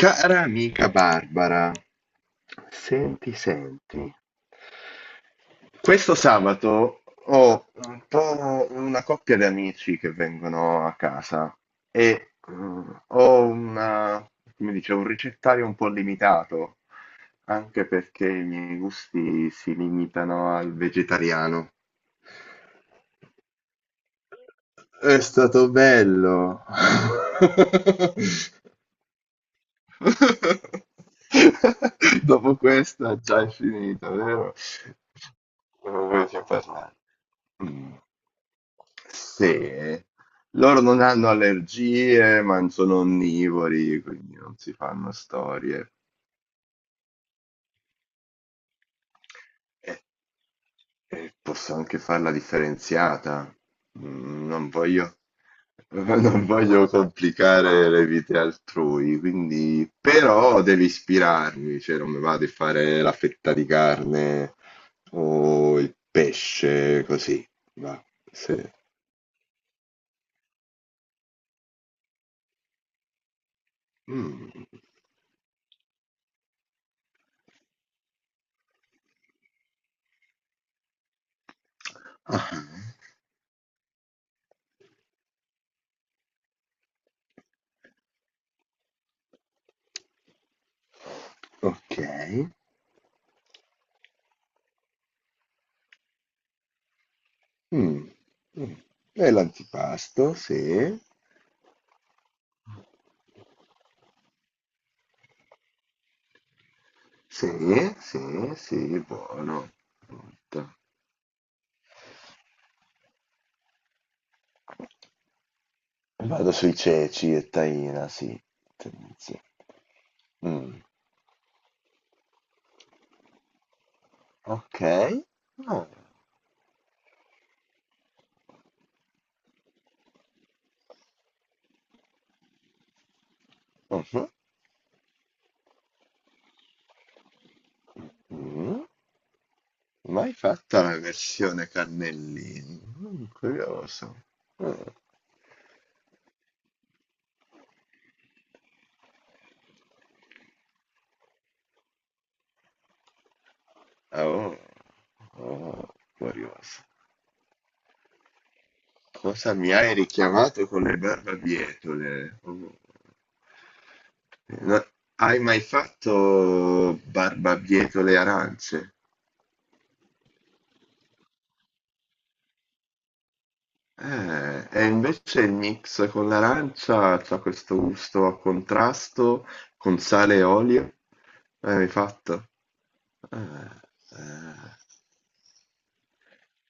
Cara amica Barbara, senti, senti, questo sabato ho un po' una coppia di amici che vengono a casa e ho una, come dice, un ricettario un po' limitato, anche perché i miei gusti si limitano al vegetariano. È stato bello. Dopo questa già è finita, vero? Non voglio più parlare. Mm. Sì, loro non hanno allergie, ma sono onnivori, quindi non si fanno storie. Eh, eh, posso anche farla differenziata. Non voglio, non voglio complicare le vite altrui, quindi però devi ispirarmi, cioè non mi va di fare la fetta di carne o il pesce così. Va, se- Mm. Ah, ok. Mm. Mm. E l'antipasto, sì. Sì, sì, sì, buono. Molto. Vado sui ceci e taina, sì. Tendenzia. Mm, ok. Ah, mhm, mm. Mai fatta la versione cannellini. Mm, curioso. Ah, oh, oh, curioso. Cosa mi hai richiamato con le barbabietole? Oh. No, hai mai fatto barbabietole arance? E invece il mix con l'arancia c'ha questo gusto a contrasto con sale e olio. Hai fatto? Eh,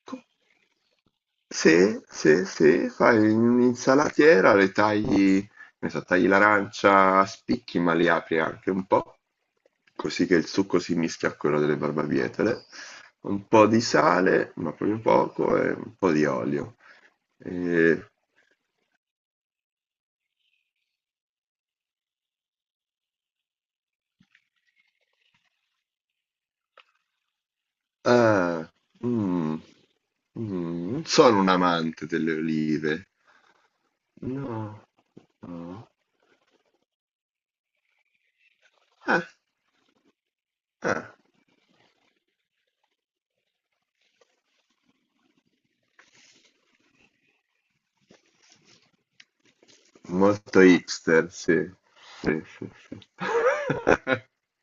co- se fai un'insalatiera, le tagli, ne so, tagli l'arancia a spicchi, ma li apri anche un po', così che il succo si mischia a quello delle barbabietole. Un po' di sale, ma proprio poco, e un po' di olio. E Ah, mh, non sono un amante delle olive. No, no. Ah, ah, molto hipster, sì. Sì, sì, sì.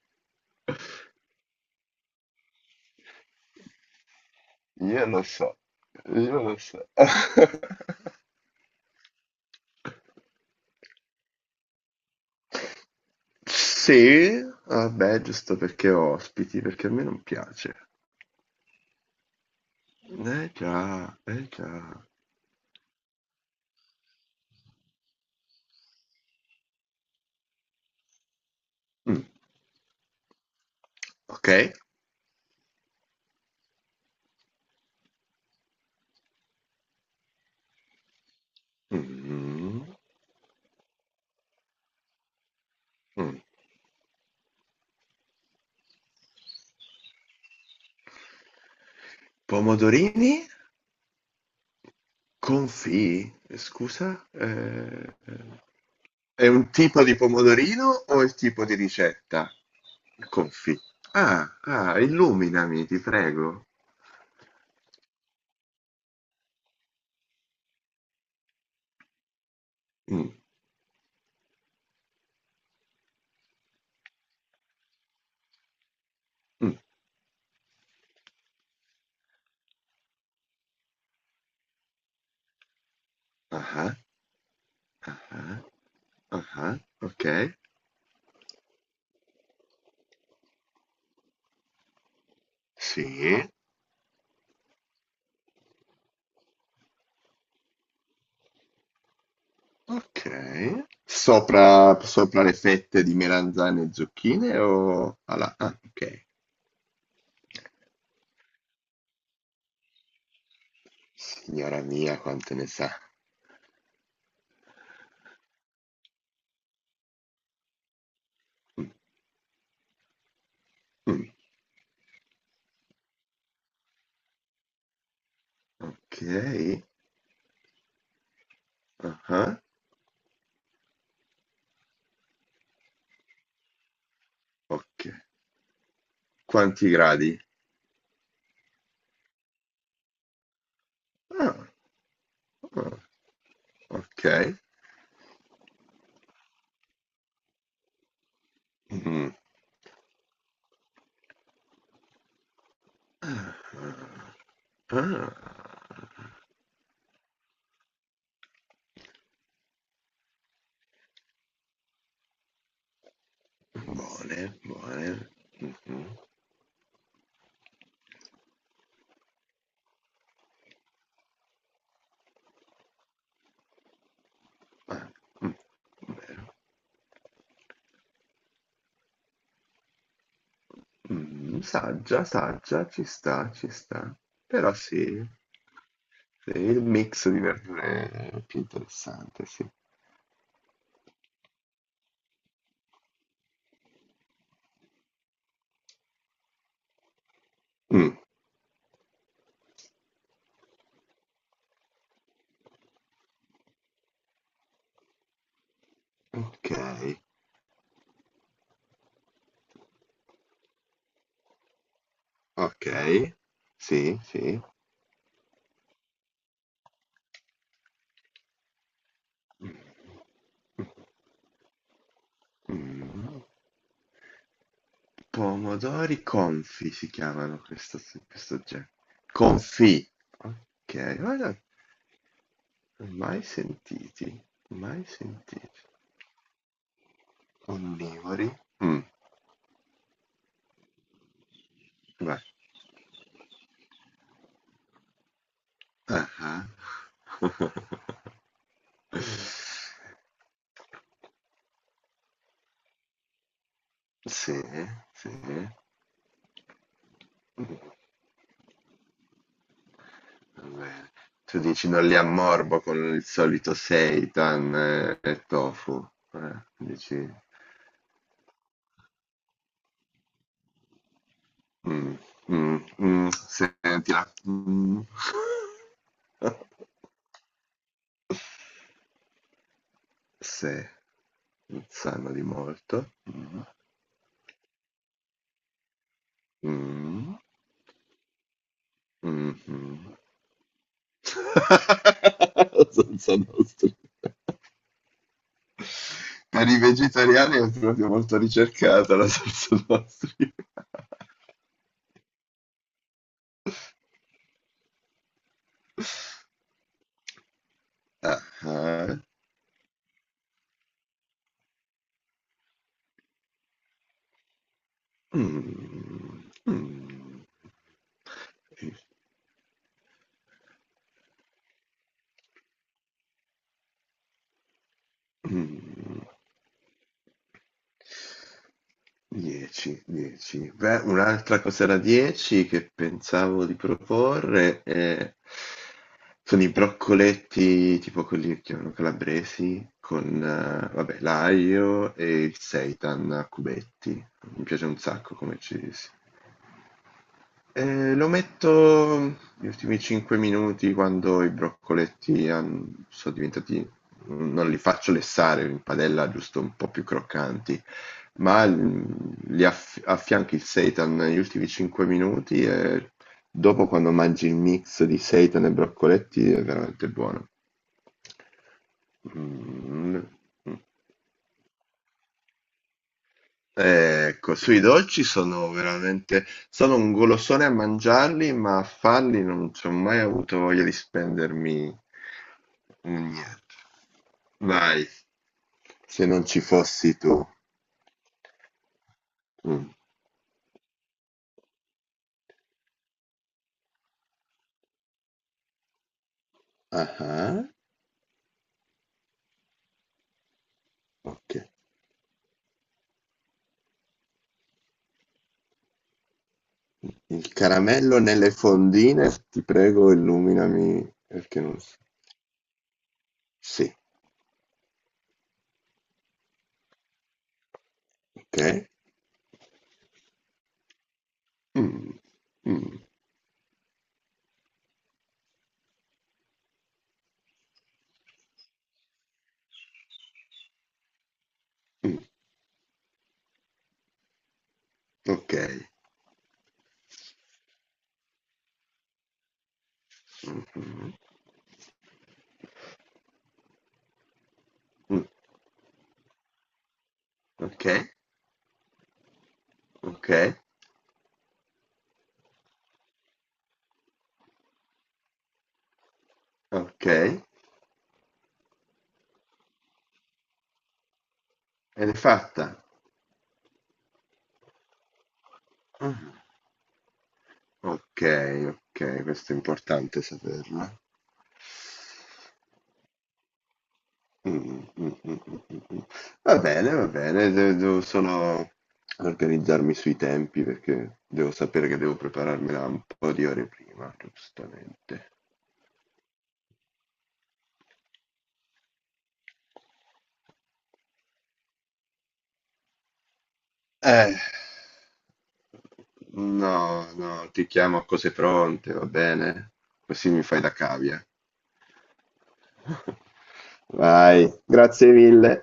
Io lo so, io lo so. Sì, vabbè, giusto perché ho ospiti, perché a me non piace. Eh già, eh già. Mm, ok. Mm, mm. Mm. Pomodorini? Confì? Scusa? È un tipo di pomodorino o il tipo di ricetta? Confì. Ah, ah, illuminami, ti prego. Mm, mm. Ah, ah, ah, ok. Sì, ok. Sopra, sopra le fette di melanzane e zucchine o alla... Ah, ok. Signora mia, quante ne sa. Mm, mm. Ok. Ah, ok. Quanti gradi? Ah, ah, ok. Mm. Ah, ah. Buone, buone. Mhm. Ah, mm, vero. Mm, saggia, saggia, ci sta, ci sta. Però sì, sì, il mix di verdure è più interessante, sì. Mm, ok, ok. Sì, sì. Mm, pomodori confi si chiamano questo, genere. Confi. Ok, guarda, mai sentiti, mai sentiti. Onnivori? Mh, beh, ah-ah. Sì, sì, va bene. Tu dici non li ammorbo con il solito seitan, e tofu, dici mh, sentila. Sì, non sanno di molto. Mh, mh-mh. La salsa nostri. Per i vegetariani è proprio molto ricercata la salsa nostri. Ah, ah. Mm, mm, mm. 10, 10. Beh, un'altra cosa da 10 che pensavo di proporre sono i broccoletti tipo quelli che chiamano calabresi con vabbè, l'aglio e il seitan a cubetti. Mi piace un sacco come ci si. Lo metto gli ultimi 5 minuti quando i broccoletti sono diventati, non li faccio lessare in padella, giusto un po' più croccanti, ma affianchi il seitan negli ultimi 5 minuti e dopo quando mangi il mix di seitan e broccoletti è veramente buono. Mm, mm. Ecco, sui dolci sono veramente. Sono un golosone a mangiarli, ma a farli non ci ho mai avuto voglia di spendermi un niente. Vai, se non ci fossi tu. Mm. Ah, ah, ok. Il caramello nelle fondine, ti prego, illuminami perché non so. Sì, ok. Mm, mm, mm, ok. Mhm, mm, mm, ok, ok, ok. Ed è fatta. Ah, okay, okay, questo è importante saperlo. Mh, mh, mh, mh, mh, mh. Va bene, de devo solo organizzarmi sui tempi perché devo sapere che devo prepararmela un po' di ore prima, giustamente. Eh. No, no, ti chiamo a cose pronte, va bene? Così mi fai da cavia. Vai, grazie mille.